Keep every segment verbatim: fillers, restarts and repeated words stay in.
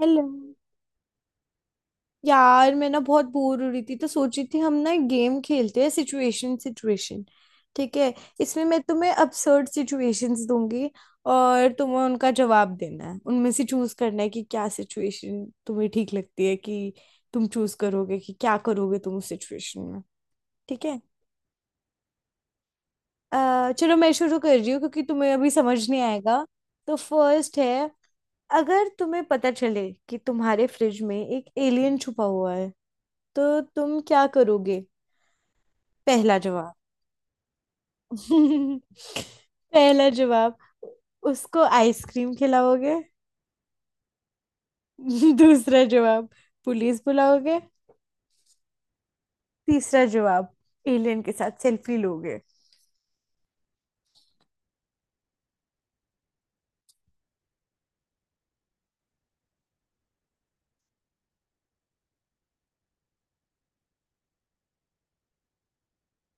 Hello. यार, मैं ना बहुत बोर हो रही थी तो सोची थी हम ना गेम खेलते हैं, सिचुएशन सिचुएशन। ठीक है। इसमें मैं तुम्हें अबसर्ड सिचुएशंस दूंगी और तुम्हें उनका जवाब देना है, उनमें से चूज करना है कि क्या सिचुएशन तुम्हें ठीक लगती है, कि तुम चूज करोगे कि क्या करोगे तुम उस सिचुएशन में। ठीक है। अ, चलो, मैं शुरू कर रही हूँ क्योंकि तुम्हें अभी समझ नहीं आएगा। तो फर्स्ट है। अगर तुम्हें पता चले कि तुम्हारे फ्रिज में एक एलियन छुपा हुआ है तो तुम क्या करोगे? पहला जवाब। पहला जवाब। उसको आइसक्रीम खिलाओगे? दूसरा जवाब। पुलिस बुलाओगे? तीसरा जवाब। एलियन के साथ सेल्फी लोगे?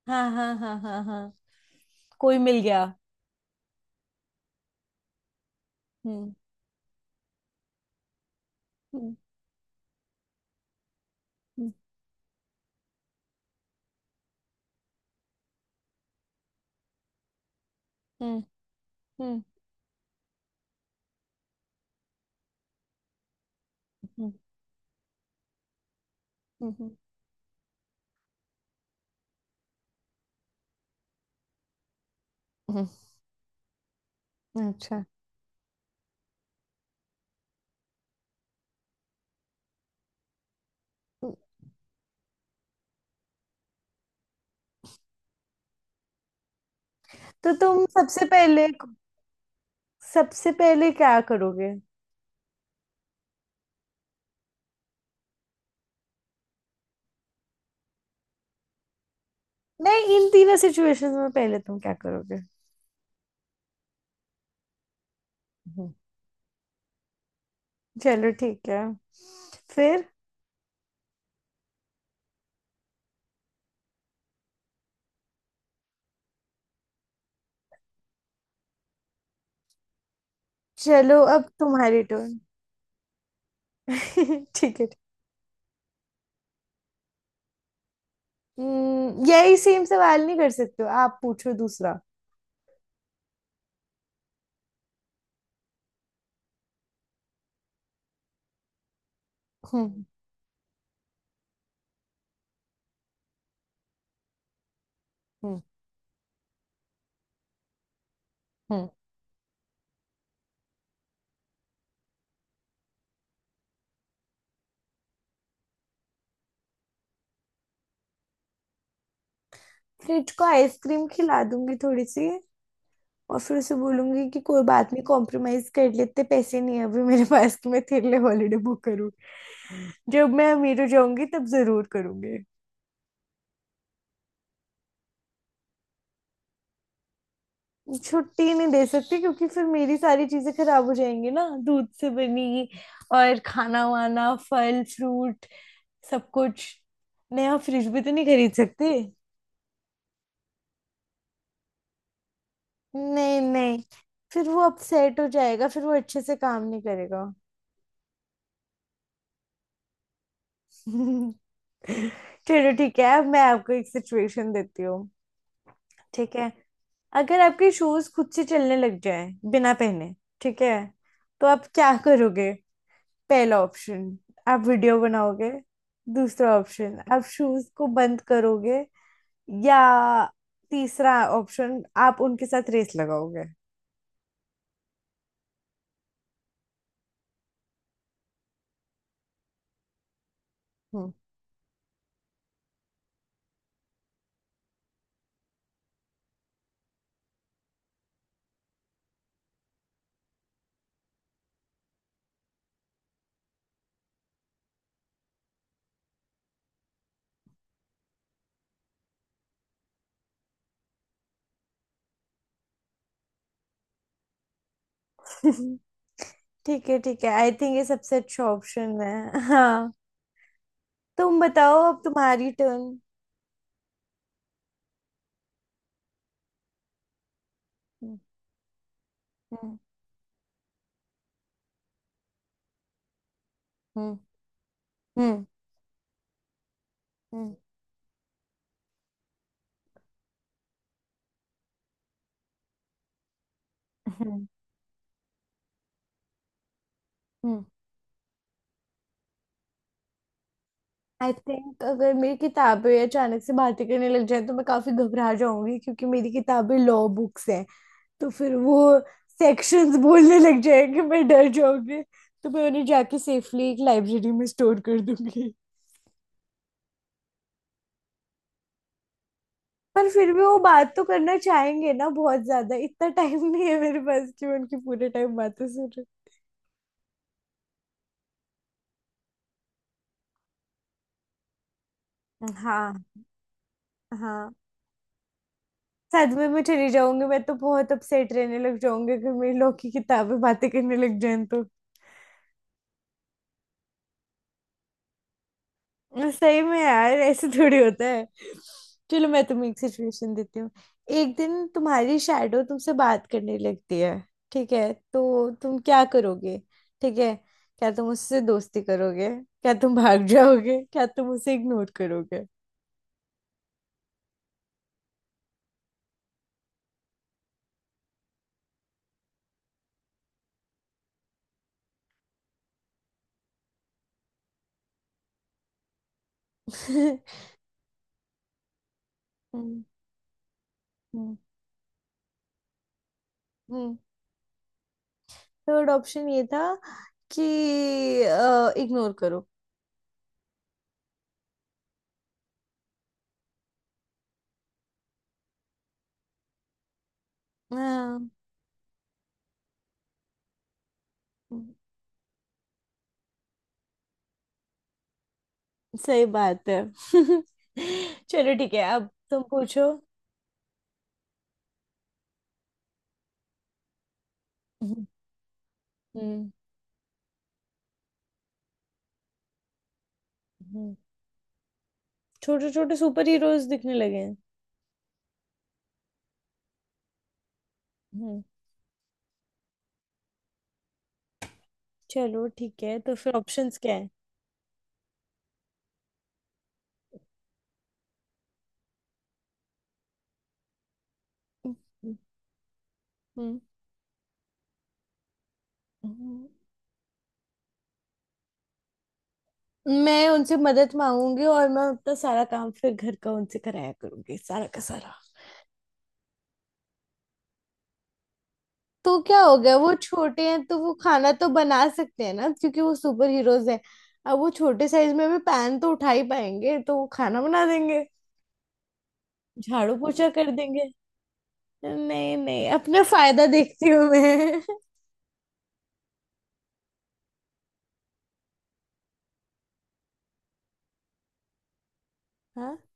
हाँ हाँ हाँ हाँ हाँ, कोई मिल गया। हम्म, हम्म, हम्म, हम्म, हम्म, हम्म, हम्म, हम्म, अच्छा। तो तुम सबसे पहले सबसे पहले क्या करोगे? नहीं, इन तीनों सिचुएशंस में पहले तुम क्या करोगे? चलो ठीक है। फिर? चलो अब तुम्हारी टर्न। ठीक है। हम्म, यही सेम सवाल नहीं कर सकते हो, आप पूछो दूसरा। हम्म, हम्म, हम्म। फ्रिज को आइसक्रीम खिला दूंगी थोड़ी सी, और फिर उसे बोलूंगी कि कोई बात नहीं, कॉम्प्रोमाइज कर लेते, पैसे नहीं है अभी मेरे पास कि मैं तेरे लिए हॉलीडे बुक करूँ। जब मैं अमीर हो जाऊंगी तब जरूर करूंगी। छुट्टी नहीं दे सकती क्योंकि फिर मेरी सारी चीजें खराब हो जाएंगी ना, दूध से बनी, और खाना वाना, फल फ्रूट, सब कुछ। नया फ्रिज भी तो नहीं खरीद सकती। नहीं नहीं, फिर वो अपसेट हो जाएगा, फिर वो अच्छे से काम नहीं करेगा। चलो ठीक है, अब मैं आपको एक सिचुएशन देती हूँ। ठीक है। अगर आपके शूज खुद से चलने लग जाए बिना पहने, ठीक है, तो आप क्या करोगे? पहला ऑप्शन, आप वीडियो बनाओगे। दूसरा ऑप्शन, आप शूज को बंद करोगे। या तीसरा ऑप्शन, आप उनके साथ रेस लगाओगे। हम्म। ठीक है ठीक है, आई थिंक ये सबसे अच्छा ऑप्शन है, हाँ। तुम बताओ, अब तुम्हारी टर्न। हम्म, हम्म, हम्म, हम्म, हम्म, हम्म। आई थिंक अगर मेरी किताबें अचानक से बातें करने लग जाए तो मैं काफी घबरा जाऊंगी क्योंकि मेरी किताबें लॉ बुक्स हैं। तो फिर वो सेक्शंस बोलने लग जाएंगे, मैं डर जाऊंगी। तो मैं उन्हें जाके सेफली एक लाइब्रेरी में स्टोर कर दूंगी। पर फिर भी वो बात तो करना चाहेंगे ना बहुत ज्यादा, इतना टाइम नहीं है मेरे पास कि मैं उनकी पूरे टाइम बातें सुनूं। हाँ। हाँ, सदमे में चली जाऊंगी मैं तो, बहुत अपसेट रहने लग जाऊंगी अगर मेरी लोग की किताबें बातें करने लग जाए तो। सही में यार, ऐसे थोड़ी होता है। चलो, मैं तुम्हें एक सिचुएशन देती हूँ। एक दिन तुम्हारी शैडो तुमसे बात करने लगती है, ठीक है, तो तुम क्या करोगे? ठीक है। क्या तुम उससे दोस्ती करोगे, क्या तुम भाग जाओगे, क्या तुम उसे इग्नोर करोगे? हम्म, हम्म, हम्म। थर्ड ऑप्शन ये था कि इग्नोर करो। हाँ, सही बात है। चलो ठीक है, अब तुम पूछो। हम्म, हम्म, हम्म। छोटे छोटे सुपर हीरोज दिखने लगे हैं? हम्म। चलो ठीक है, तो फिर ऑप्शंस क्या है? हम्म, हम्म, हम्म। मैं उनसे मदद मांगूंगी, और मैं अपना सारा काम फिर घर का उनसे कराया करूंगी, सारा का सारा। तो क्या हो गया वो छोटे हैं, तो वो खाना तो बना सकते हैं ना, क्योंकि वो सुपर हीरोज हैं। अब वो छोटे साइज में भी पैन तो उठा ही पाएंगे, तो वो खाना बना देंगे। झाड़ू पोछा कर देंगे। नहीं नहीं, अपना फायदा देखती हूँ मैं।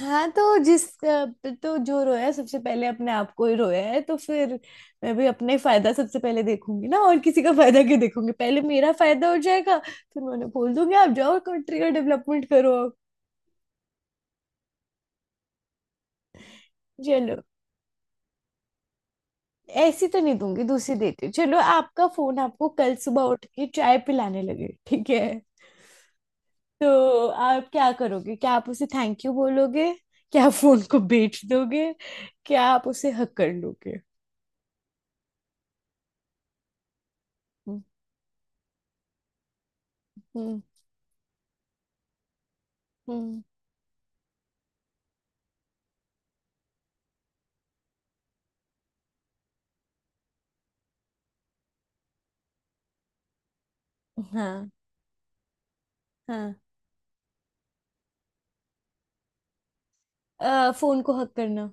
हाँ, तो जिस तो जो रोया सबसे पहले अपने आप को ही रोया है, तो फिर मैं भी अपने फायदा सबसे पहले देखूंगी ना, और किसी का फायदा क्यों देखूंगी, पहले मेरा फायदा हो जाएगा, फिर मैं उन्हें बोल दूंगी आप जाओ कंट्री का डेवलपमेंट करो। चलो। ऐसी तो नहीं दूंगी, दूसरी देती हूँ। चलो, आपका फोन आपको कल सुबह उठ के चाय पिलाने लगे, ठीक है, तो आप क्या करोगे? क्या आप उसे थैंक यू बोलोगे, क्या आप फोन को बेच दोगे, क्या आप उसे हक कर लोगे? हम्म, हम्म, हम्म, हाँ। हाँ। अ, फोन को हक करना,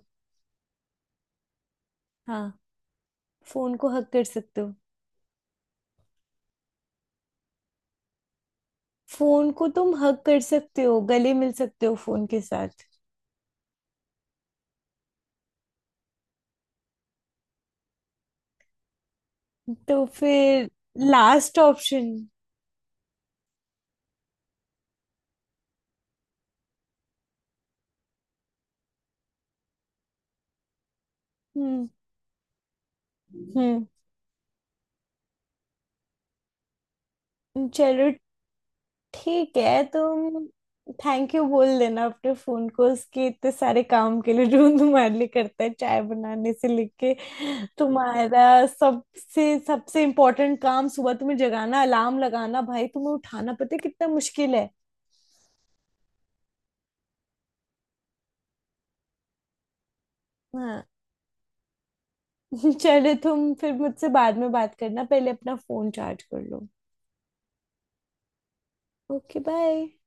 हाँ, फोन को हक कर सकते हो। फोन को तुम हक कर सकते हो, गले मिल सकते हो फोन के साथ। तो फिर लास्ट ऑप्शन। हम्म, हम्म। चलो ठीक है, तुम थैंक यू बोल देना अपने फोन को, उसके इतने सारे काम के लिए जो तुम्हारे लिए करता है, चाय बनाने से लेके तुम्हारा सबसे सबसे इम्पोर्टेंट काम, सुबह तुम्हें जगाना, अलार्म लगाना, भाई तुम्हें उठाना पता है कितना मुश्किल है। हाँ। चलो, तुम फिर मुझसे बाद में बात करना, पहले अपना फोन चार्ज कर लो। Okay, bye.